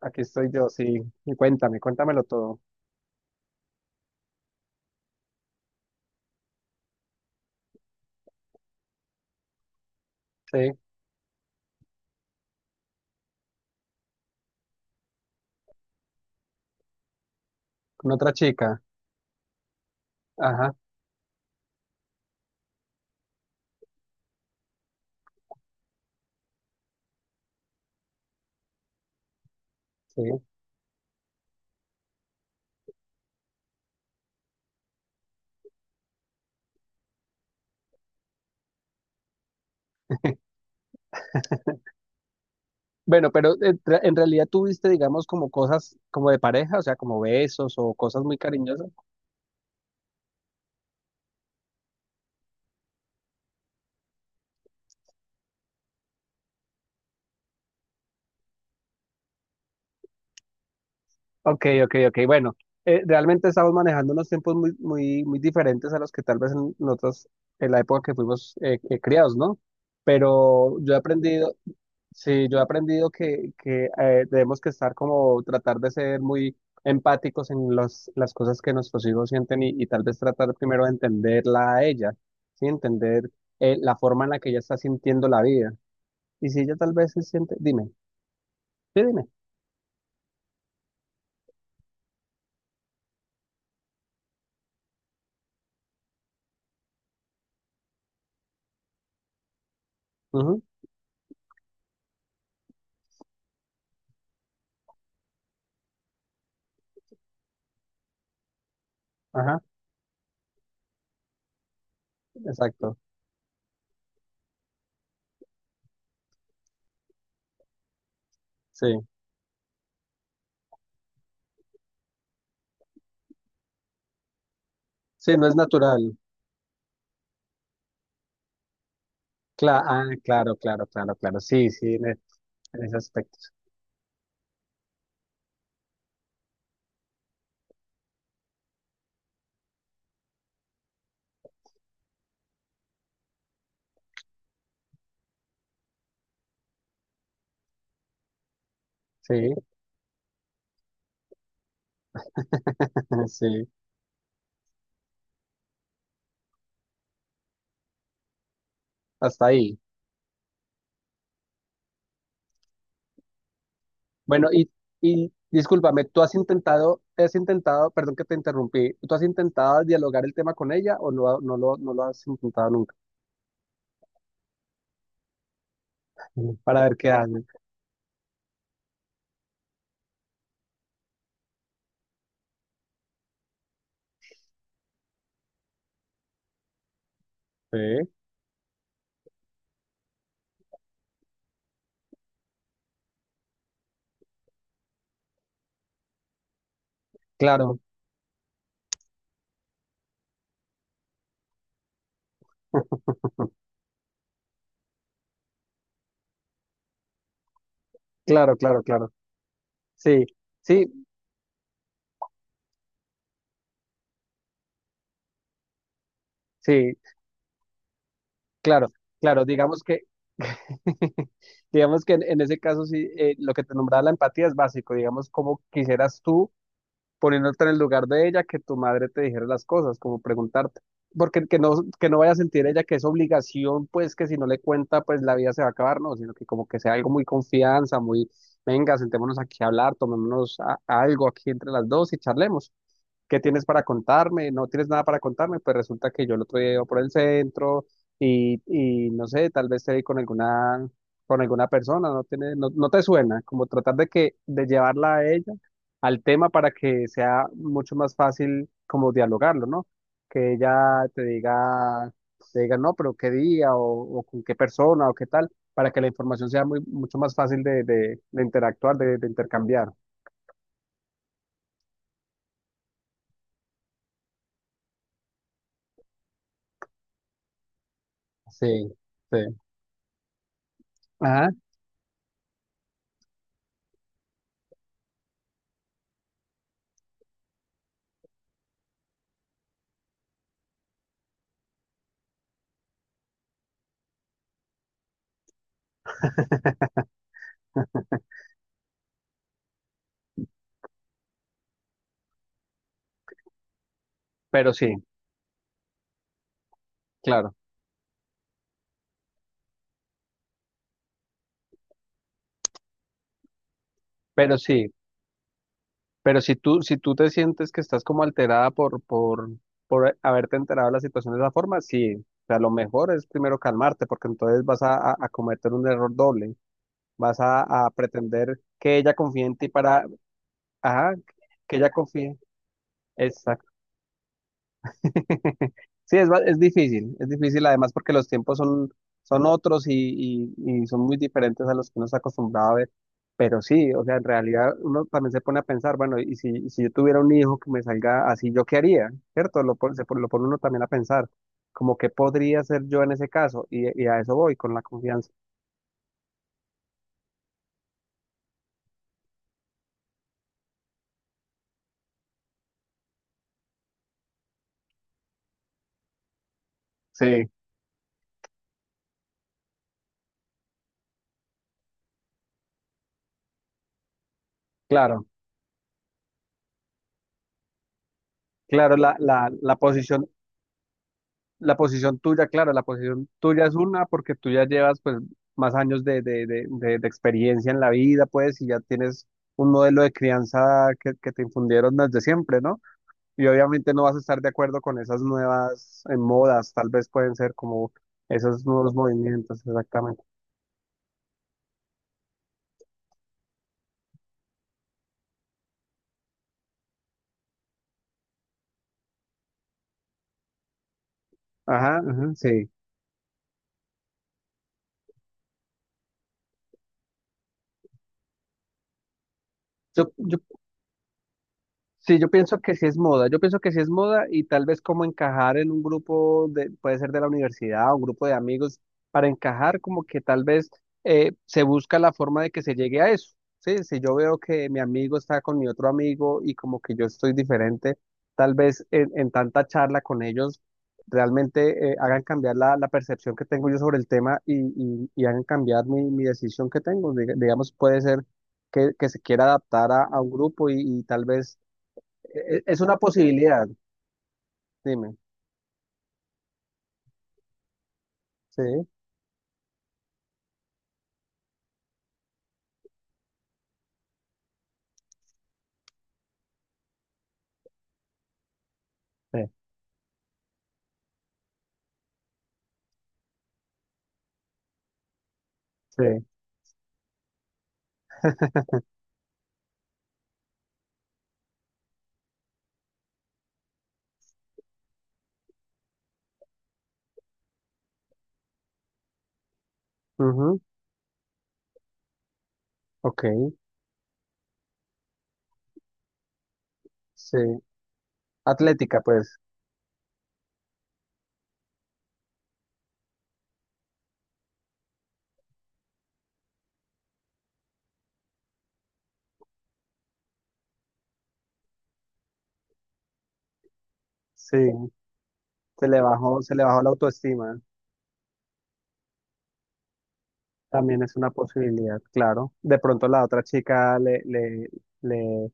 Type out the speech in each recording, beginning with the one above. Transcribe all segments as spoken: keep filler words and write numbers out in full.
Aquí estoy yo, sí. Y cuéntame, cuéntamelo todo. Sí, con otra chica. Ajá, sí. Bueno, pero en tra- en realidad tuviste, digamos, como cosas como de pareja, o sea, como besos o cosas muy cariñosas. Ok, ok, ok. Bueno, eh, realmente estamos manejando unos tiempos muy, muy, muy diferentes a los que tal vez en nosotros, en la época que fuimos eh, eh, criados, ¿no? Pero yo he aprendido. Sí, yo he aprendido que, que eh, debemos que estar como tratar de ser muy empáticos en los, las cosas que nuestros hijos sienten y, y tal vez tratar primero de entenderla a ella, ¿sí? Entender eh, la forma en la que ella está sintiendo la vida. Y si ella tal vez se siente, dime, sí, dime. Ujú. Ajá, exacto, sí. Sí, no es natural. Cla- ah, claro, claro, claro, claro. Sí, sí, en, e- en ese aspecto. Sí, sí, hasta ahí. Bueno, y, y discúlpame, ¿tú has intentado, has intentado, perdón que te interrumpí, ¿tú has intentado dialogar el tema con ella o no, no lo, no lo has intentado nunca? Mm. Para ver qué hace. Sí. Claro, claro, claro, claro. Sí, sí, sí, claro, claro. Digamos que, digamos que en, en ese caso sí, eh, lo que te nombraba la empatía es básico. Digamos, cómo quisieras tú poniéndote en el lugar de ella, que tu madre te dijera las cosas, como preguntarte, porque que no, que no vaya a sentir ella que es obligación, pues que si no le cuenta, pues la vida se va a acabar, no, sino que como que sea algo muy confianza, muy, venga, sentémonos aquí a hablar, tomémonos a- algo aquí entre las dos y charlemos. ¿Qué tienes para contarme? No tienes nada para contarme, pues resulta que yo el otro día iba por el centro y, y no sé, tal vez te vi con alguna, con alguna persona, no tiene, no, no te suena, como tratar de que, de llevarla a ella al tema para que sea mucho más fácil como dialogarlo, ¿no? Que ella te diga, te diga, no, pero qué día o, o con qué persona o qué tal, para que la información sea muy, mucho más fácil de, de- de interactuar, de, de intercambiar. Sí, sí. Ajá, pero sí, claro, pero sí, pero si tú, si tú te sientes que estás como alterada por, por, por haberte enterado de la situación de esa forma, sí. O sea, lo mejor es primero calmarte, porque entonces vas a, a a cometer un error doble. Vas a, a pretender que ella confíe en ti para, ajá, que ella confíe. Exacto. Sí, es, ba- es difícil, es difícil además porque los tiempos son, son otros y, y- y son muy diferentes a los que uno está acostumbrado a ver. Pero sí, o sea, en realidad uno también se pone a pensar, bueno, y si, y si yo tuviera un hijo que me salga así, ¿yo qué haría? ¿Cierto? Lo, pon- se pon- lo pone uno también a pensar, como qué podría hacer yo en ese caso, y, y a eso voy con la confianza. Sí, claro, claro, la, la, la posición. La posición tuya, claro, la posición tuya es una porque tú ya llevas pues más años de, de, de, de- de experiencia en la vida, pues, y ya tienes un modelo de crianza que, que te infundieron desde siempre, ¿no? Y obviamente no vas a estar de acuerdo con esas nuevas eh, modas, tal vez pueden ser como esos nuevos movimientos, exactamente. Ajá, ajá, sí. Yo, yo sí, yo pienso que sí es moda, yo pienso que sí es moda y tal vez como encajar en un grupo de, puede ser de la universidad, un grupo de amigos, para encajar como que tal vez eh, se busca la forma de que se llegue a eso, ¿sí? Si yo veo que mi amigo está con mi otro amigo y como que yo estoy diferente, tal vez en, en tanta charla con ellos realmente eh, hagan cambiar la, la percepción que tengo yo sobre el tema y, y- y hagan cambiar mi, mi decisión que tengo. Diga- digamos, puede ser que, que se quiera adaptar a, a un grupo y y tal vez e- es una posibilidad, dime. Sí, sí, sí. Ujú, ok, sí. Atlética, pues, sí. Se le bajó, se le bajó la autoestima. También es una posibilidad, claro. De pronto la otra chica le, le, le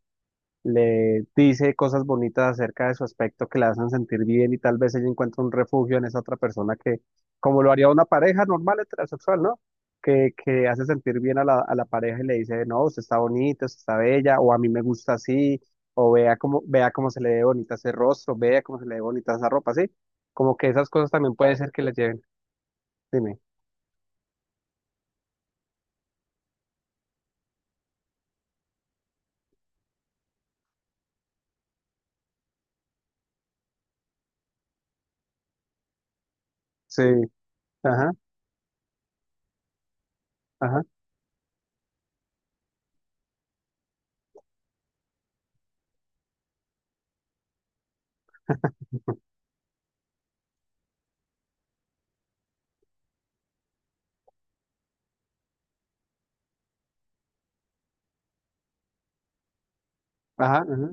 le dice cosas bonitas acerca de su aspecto que la hacen sentir bien y tal vez ella encuentra un refugio en esa otra persona que, como lo haría una pareja normal heterosexual, ¿no? Que, que hace sentir bien a la, a la pareja y le dice, no, usted está bonita, usted está bella, o a mí me gusta así, o vea cómo, vea cómo se le ve bonita ese rostro, vea cómo se le ve bonita esa ropa, ¿sí? Como que esas cosas también puede ser que le lleven, dime. Sí, ajá, ajá, ajá, ajá,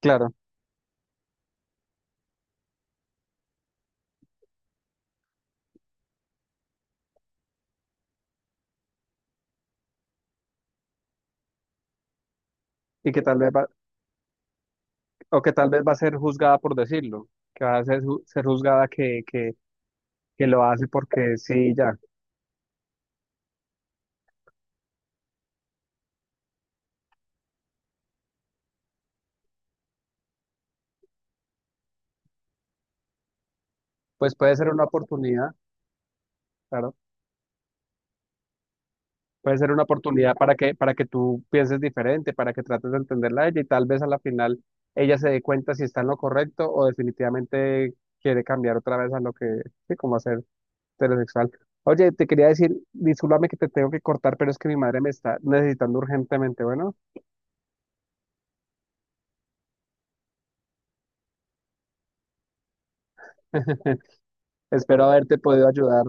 claro. Y que tal vez, o que tal vez va a ser juzgada por decirlo, que va a ser, ju- ser juzgada que, que, que lo hace porque sí, ya. Pues puede ser una oportunidad, claro. Puede ser una oportunidad para que, para que tú pienses diferente, para que trates de entenderla a ella y tal vez a la final ella se dé cuenta si está en lo correcto o definitivamente quiere cambiar otra vez a lo que, sí, como hacer heterosexual. Oye, te quería decir, discúlpame que te tengo que cortar, pero es que mi madre me está necesitando urgentemente, bueno. Espero haberte podido ayudar.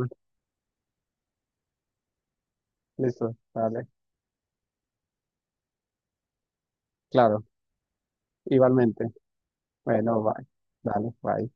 Listo, vale, claro. Igualmente. Bueno, bye. Dale, bye.